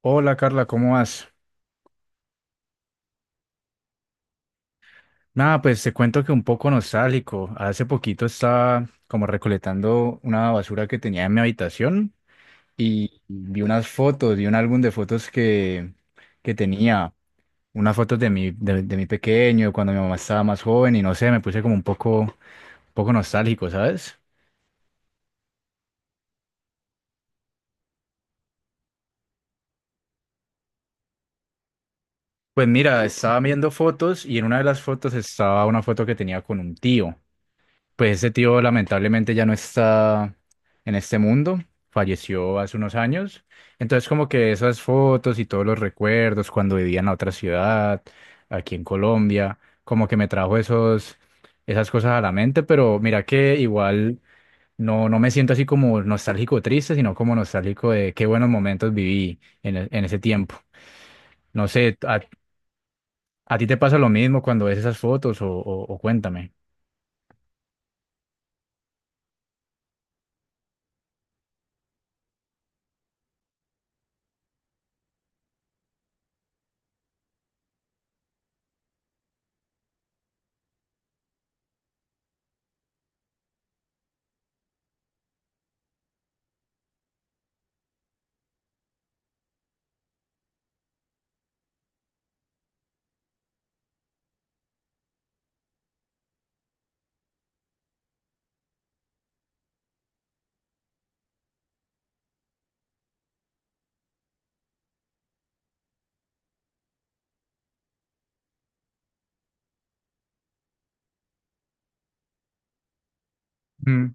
Hola Carla, ¿cómo vas? Nada, pues te cuento que un poco nostálgico. Hace poquito estaba como recolectando una basura que tenía en mi habitación y vi unas fotos, vi un álbum de fotos que tenía, unas fotos de mi pequeño, cuando mi mamá estaba más joven y no sé, me puse como un poco nostálgico, ¿sabes? Pues mira, estaba viendo fotos y en una de las fotos estaba una foto que tenía con un tío. Pues ese tío lamentablemente ya no está en este mundo, falleció hace unos años. Entonces como que esas fotos y todos los recuerdos cuando vivía en la otra ciudad, aquí en Colombia, como que me trajo esos, esas cosas a la mente, pero mira que igual no, no me siento así como nostálgico o triste, sino como nostálgico de qué buenos momentos viví en, en ese tiempo. No sé, a ti te pasa lo mismo cuando ves esas fotos o cuéntame? Mm.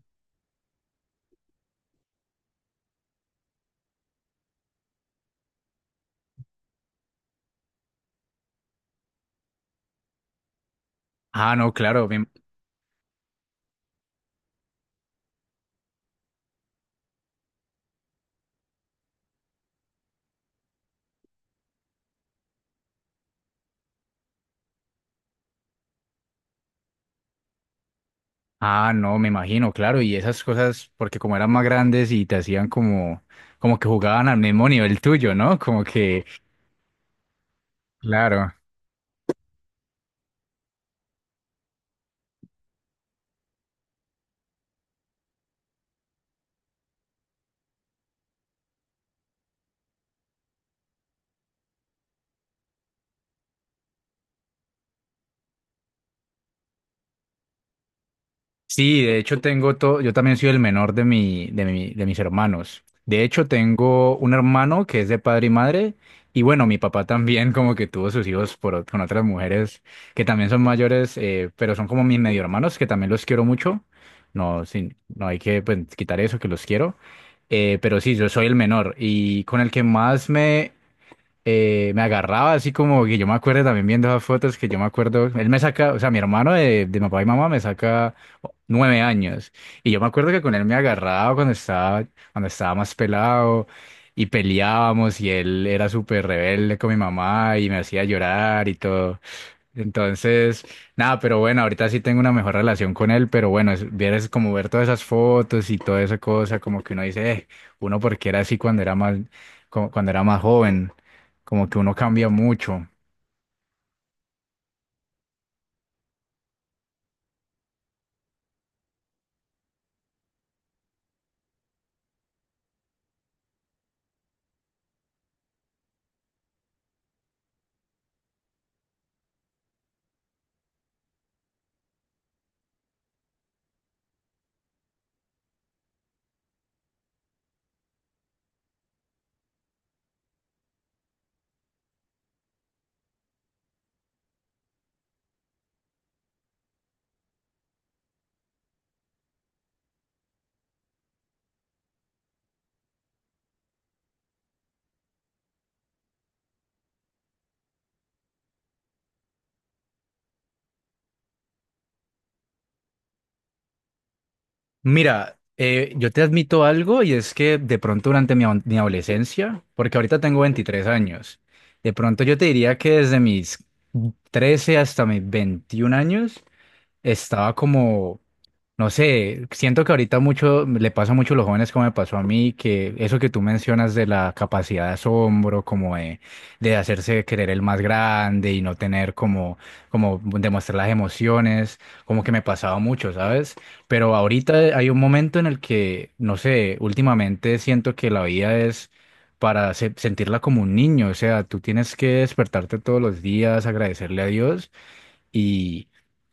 Ah, no, claro. Ah, no, me imagino, claro, y esas cosas, porque como eran más grandes y te hacían como, como que jugaban al mismo nivel tuyo, ¿no? Como que, claro. Sí, de hecho tengo todo, yo también soy el menor de mis hermanos. De hecho, tengo un hermano que es de padre y madre, y bueno, mi papá también como que tuvo sus hijos por, con otras mujeres que también son mayores, pero son como mis medio hermanos, que también los quiero mucho. No, no hay que pues, quitar eso, que los quiero. Pero sí, yo soy el menor y con el que más me agarraba así como que yo me acuerdo también viendo esas fotos que yo me acuerdo, él me saca, o sea, mi hermano de papá y mamá me saca 9 años y yo me acuerdo que con él me agarraba cuando cuando estaba más pelado y peleábamos y él era súper rebelde con mi mamá y me hacía llorar y todo. Entonces, nada, pero bueno, ahorita sí tengo una mejor relación con él, pero bueno, es, vieras como ver todas esas fotos y toda esa cosa, como que uno dice, uno porque era así cuando era como cuando era más joven, como que uno cambia mucho. Mira, yo te admito algo y es que de pronto durante mi, mi adolescencia, porque ahorita tengo 23 años, de pronto yo te diría que desde mis 13 hasta mis 21 años, estaba como, no sé, siento que ahorita mucho le pasa mucho a los jóvenes como me pasó a mí, que eso que tú mencionas de la capacidad de asombro, como de hacerse querer el más grande y no tener como, como demostrar las emociones, como que me pasaba mucho, ¿sabes? Pero ahorita hay un momento en el que, no sé, últimamente siento que la vida es para sentirla como un niño, o sea, tú tienes que despertarte todos los días, agradecerle a Dios y,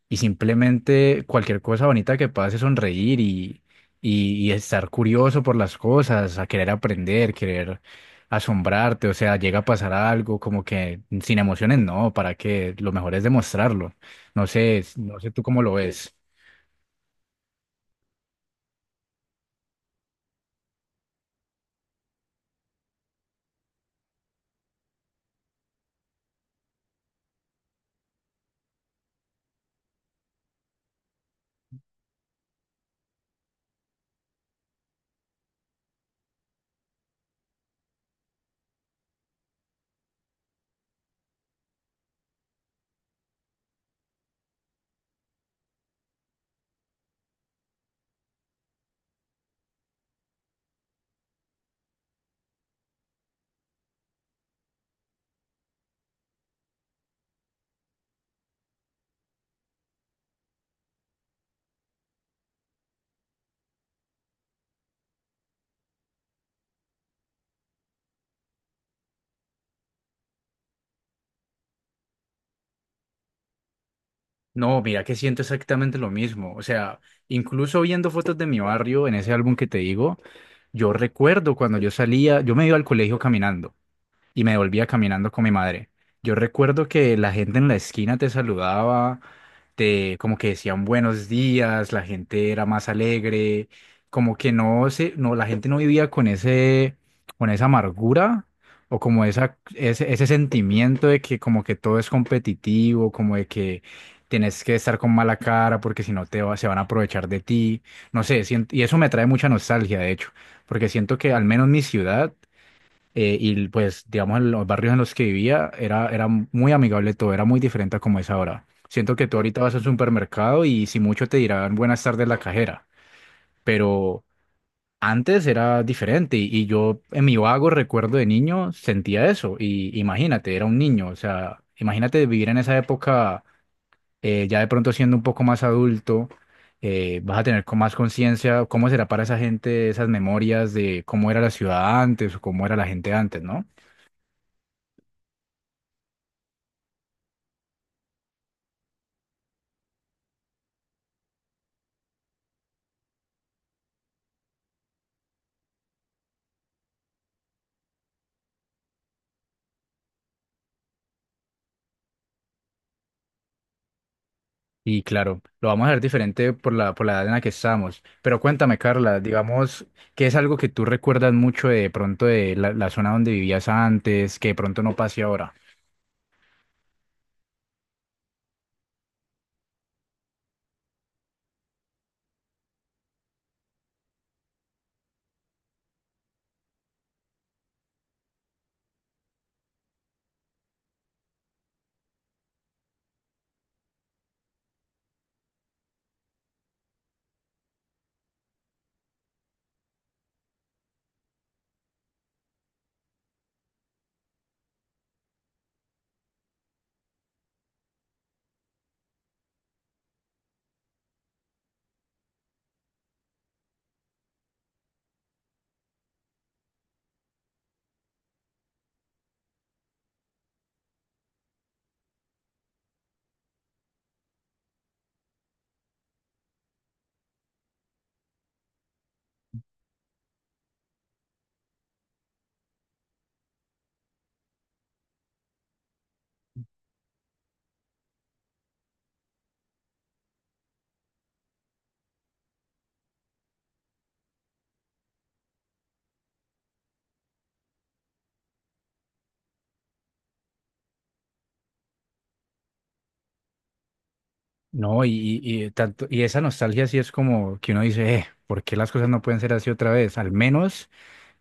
y simplemente cualquier cosa bonita que pase, sonreír y estar curioso por las cosas, a querer aprender, querer asombrarte, o sea, llega a pasar algo como que sin emociones, no, para que lo mejor es demostrarlo. No sé, no sé tú cómo lo ves. No, mira que siento exactamente lo mismo, o sea, incluso viendo fotos de mi barrio en ese álbum que te digo, yo recuerdo cuando yo salía, yo me iba al colegio caminando, y me volvía caminando con mi madre. Yo recuerdo que la gente en la esquina te saludaba, te como que decían buenos días, la gente era más alegre, como que no se, no, la gente no vivía con ese, con esa amargura o como esa, ese sentimiento de que como que todo es competitivo, como de que tienes que estar con mala cara porque si no se van a aprovechar de ti. No sé, y eso me trae mucha nostalgia, de hecho, porque siento que al menos mi ciudad y pues, digamos, en los barrios en los que vivía era muy amigable todo, era muy diferente a como es ahora. Siento que tú ahorita vas al supermercado y si mucho te dirán buenas tardes la cajera, pero antes era diferente y yo en mi vago recuerdo de niño sentía eso y imagínate, era un niño, o sea, imagínate vivir en esa época ya de pronto siendo un poco más adulto, vas a tener con más conciencia cómo será para esa gente esas memorias de cómo era la ciudad antes o cómo era la gente antes, ¿no? Y claro, lo vamos a ver diferente por la edad en la que estamos. Pero cuéntame, Carla, digamos, ¿qué es algo que tú recuerdas mucho de pronto de la zona donde vivías antes, que de pronto no pase ahora? No, y tanto, y esa nostalgia sí es como que uno dice, ¿por qué las cosas no pueden ser así otra vez? Al menos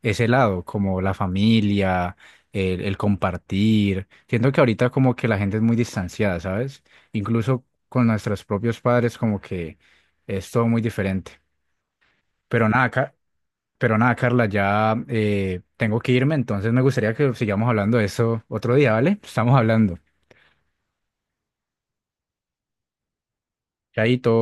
ese lado, como la familia, el compartir. Siento que ahorita como que la gente es muy distanciada, ¿sabes? Incluso con nuestros propios padres como que es todo muy diferente. Pero nada, Ca- Pero nada, Carla, ya tengo que irme, entonces me gustaría que sigamos hablando de eso otro día, ¿vale? Estamos hablando. Chaito.